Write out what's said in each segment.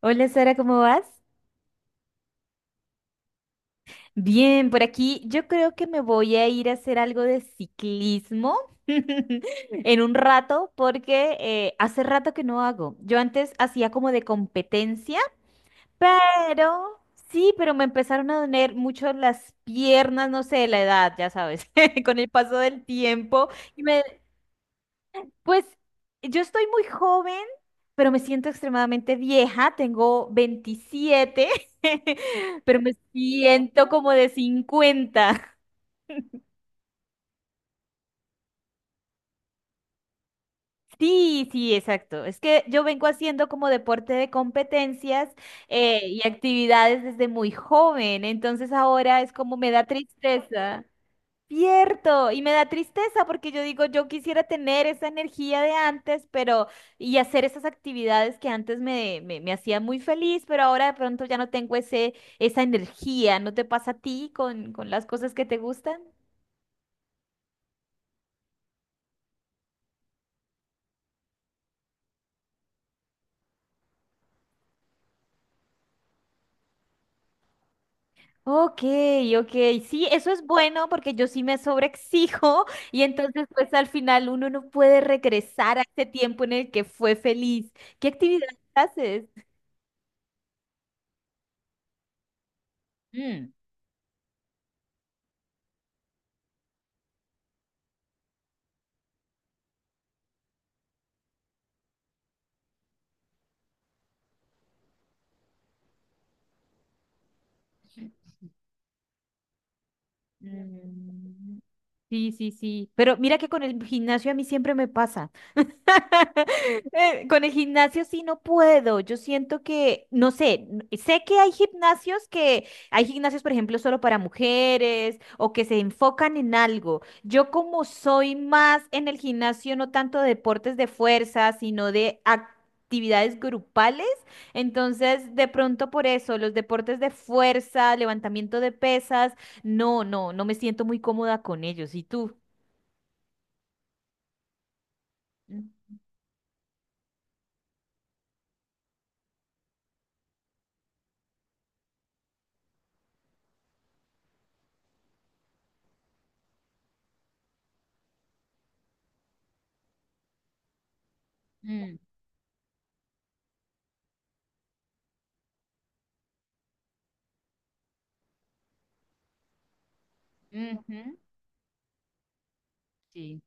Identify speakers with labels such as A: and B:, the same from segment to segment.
A: Hola Sara, ¿cómo vas? Bien, por aquí yo creo que me voy a ir a hacer algo de ciclismo en un rato porque hace rato que no hago. Yo antes hacía como de competencia, pero sí, pero me empezaron a doler mucho las piernas, no sé, la edad, ya sabes, con el paso del tiempo. Y me Pues yo estoy muy joven, pero me siento extremadamente vieja. Tengo 27, pero me siento como de 50. Sí, sí, exacto. Es que yo vengo haciendo como deporte de competencias y actividades desde muy joven, entonces ahora es como me da tristeza. Cierto, y me da tristeza porque yo digo, yo quisiera tener esa energía de antes, pero y hacer esas actividades que antes me hacían muy feliz, pero ahora de pronto ya no tengo esa energía. ¿No te pasa a ti con las cosas que te gustan? Ok, ok, sí, eso es bueno porque yo sí me sobreexijo y entonces pues al final uno no puede regresar a ese tiempo en el que fue feliz. ¿Qué actividades haces? Mm. Mm. Sí, sí, sí. Pero mira que con el gimnasio a mí siempre me pasa. Con el gimnasio sí no puedo. Yo siento que, no sé, sé que hay gimnasios hay gimnasios, por ejemplo, solo para mujeres o que se enfocan en algo. Yo como soy más en el gimnasio, no tanto de deportes de fuerza, sino de actividades grupales, entonces de pronto por eso, los deportes de fuerza, levantamiento de pesas, no me siento muy cómoda con ellos. ¿Y tú? Mm, mm, ujú, sí.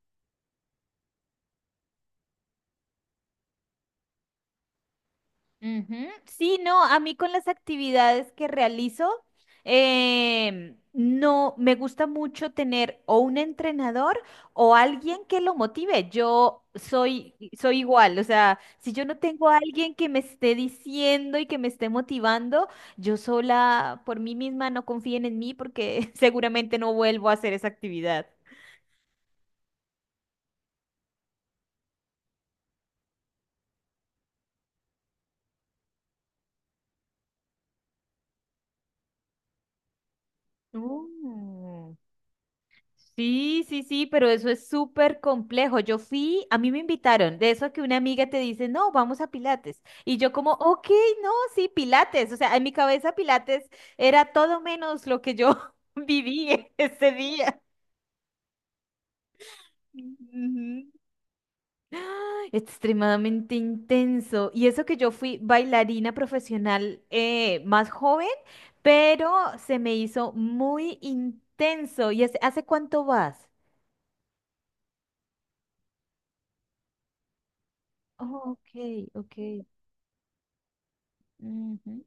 A: Ujú. Sí, no, a mí con las actividades que realizo, no me gusta mucho tener o un entrenador o alguien que lo motive. Yo soy, soy igual, o sea, si yo no tengo a alguien que me esté diciendo y que me esté motivando, yo sola por mí misma no confíen en mí porque seguramente no vuelvo a hacer esa actividad. Mm. Sí, sí, sí, pero eso es súper complejo. Yo fui, a mí me invitaron, de eso que una amiga te dice, no, vamos a Pilates. Y yo como, ok, no, sí, Pilates. O sea, en mi cabeza Pilates era todo menos lo que yo viví ese día. Ujú. Extremadamente intenso. Y eso que yo fui bailarina profesional más joven, pero se me hizo muy intenso. ¿Y hace cuánto vas? Oh, ok, ok. Ujú.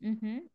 A: Ujú.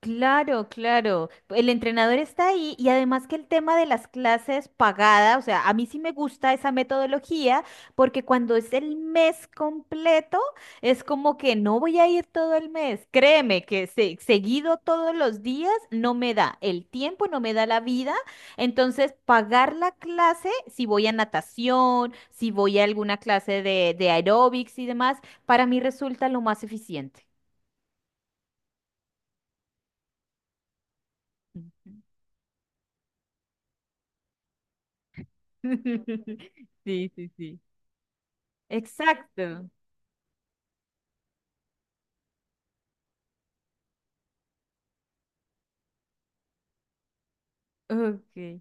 A: Claro, claro. El entrenador está ahí y además que el tema de las clases pagadas, o sea, a mí sí me gusta esa metodología porque cuando es el mes completo, es como que no voy a ir todo el mes. Créeme que seguido todos los días no me da el tiempo, no me da la vida. Entonces, pagar la clase, si voy a natación, si voy a alguna clase de aeróbics y demás, para mí resulta lo más eficiente. Sí, sí, sí. Exacto. Ok.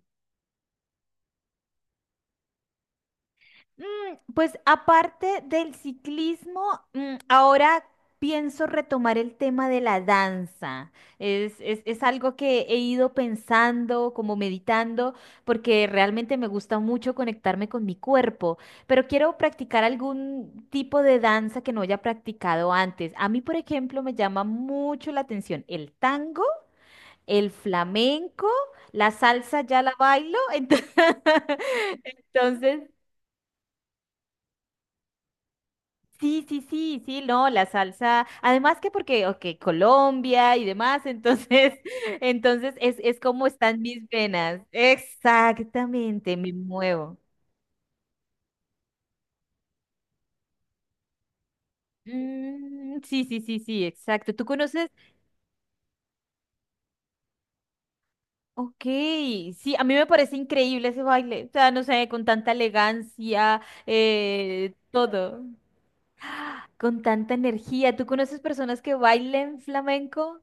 A: Mm, pues aparte del ciclismo, mm, ahora pienso retomar el tema de la danza. Es algo que he ido pensando, como meditando, porque realmente me gusta mucho conectarme con mi cuerpo, pero quiero practicar algún tipo de danza que no haya practicado antes. A mí, por ejemplo, me llama mucho la atención el tango, el flamenco, la salsa ya la bailo, entonces sí, sí, sí, sí, no, la salsa, además que porque, ok, Colombia y demás, entonces, entonces es como están mis venas, exactamente, me muevo. Mm, sí, sí, sí, sí, exacto. ¿Tú conoces? Ok, sí, a mí me parece increíble ese baile, o sea, no sé, con tanta elegancia, todo. Con tanta energía. ¿Tú conoces personas que bailen flamenco?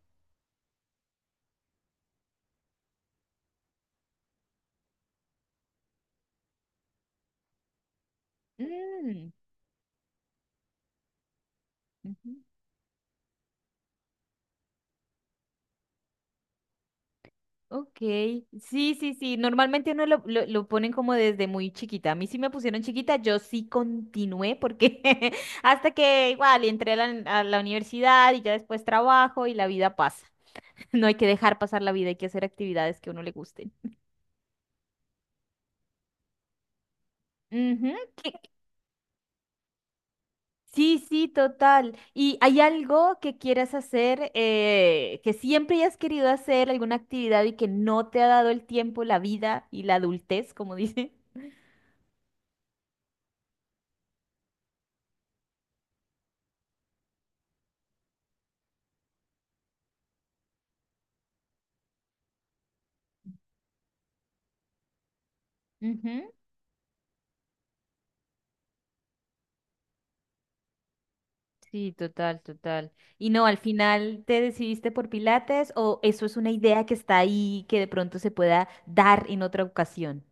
A: Mm, ujú, ok. Sí, sí, sí. Normalmente uno lo ponen como desde muy chiquita. A mí sí me pusieron chiquita, yo sí continué porque hasta que igual entré a a la universidad y ya después trabajo y la vida pasa. No hay que dejar pasar la vida, hay que hacer actividades que a uno le gusten. Ujú. ¿Qué, sí, sí, total. ¿Y hay algo que quieras hacer, que siempre hayas querido hacer, alguna actividad y que no te ha dado el tiempo, la vida y la adultez, como dice? Ujú, sí, total, total. Y no, al final te decidiste por Pilates o eso es una idea que está ahí que de pronto se pueda dar en otra ocasión.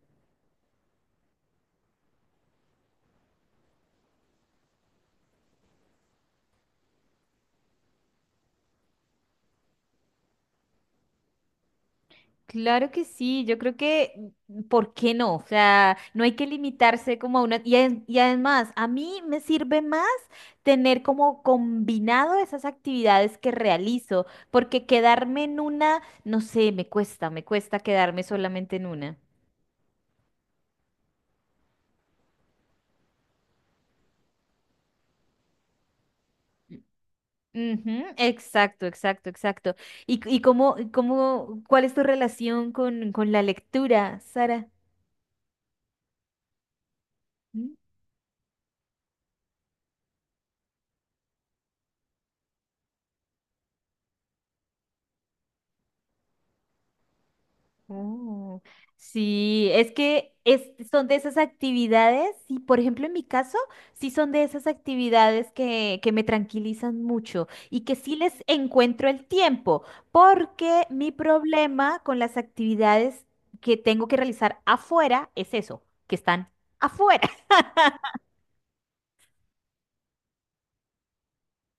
A: Claro que sí, yo creo que, ¿por qué no? O sea, no hay que limitarse como a una... Y, y además, a mí me sirve más tener como combinado esas actividades que realizo, porque quedarme en una, no sé, me cuesta quedarme solamente en una. Ujú, exacto, exacto, exacto. ¿Y, y cómo, cómo, cuál es tu relación con la lectura, Sara? ¿Mm? Oh, sí, es que es, son de esas actividades, y por ejemplo en mi caso, sí son de esas actividades que me tranquilizan mucho y que sí les encuentro el tiempo, porque mi problema con las actividades que tengo que realizar afuera es eso, que están afuera.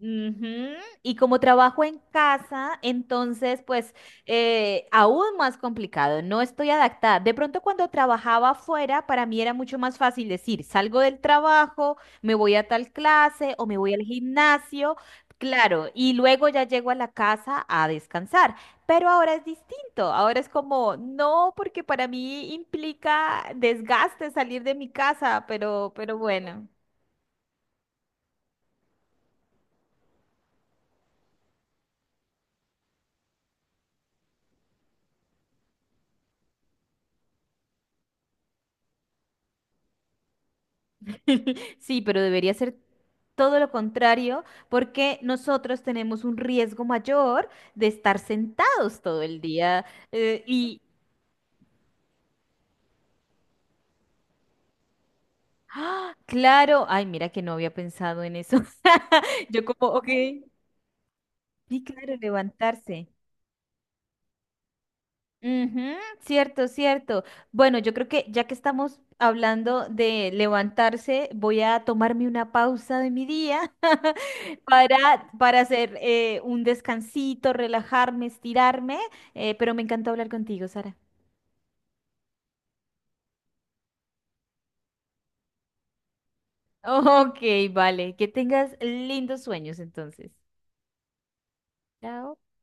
A: Ujú, y como trabajo en casa, entonces, pues, aún más complicado, no estoy adaptada. De pronto, cuando trabajaba afuera, para mí era mucho más fácil decir, salgo del trabajo, me voy a tal clase o me voy al gimnasio, claro, y luego ya llego a la casa a descansar. Pero ahora es distinto, ahora es como, no, porque para mí implica desgaste salir de mi casa, pero bueno. Sí, pero debería ser todo lo contrario, porque nosotros tenemos un riesgo mayor de estar sentados todo el día. eh, y, ¡Ah! Claro, ay, mira que no había pensado en eso. Yo como, ok, sí, claro, levantarse. Ujú, cierto, cierto. Bueno, yo creo que ya que estamos hablando de levantarse, voy a tomarme una pausa de mi día para hacer un descansito, relajarme, estirarme, pero me encantó hablar contigo, Sara. Ok, vale. Que tengas lindos sueños entonces. Chao.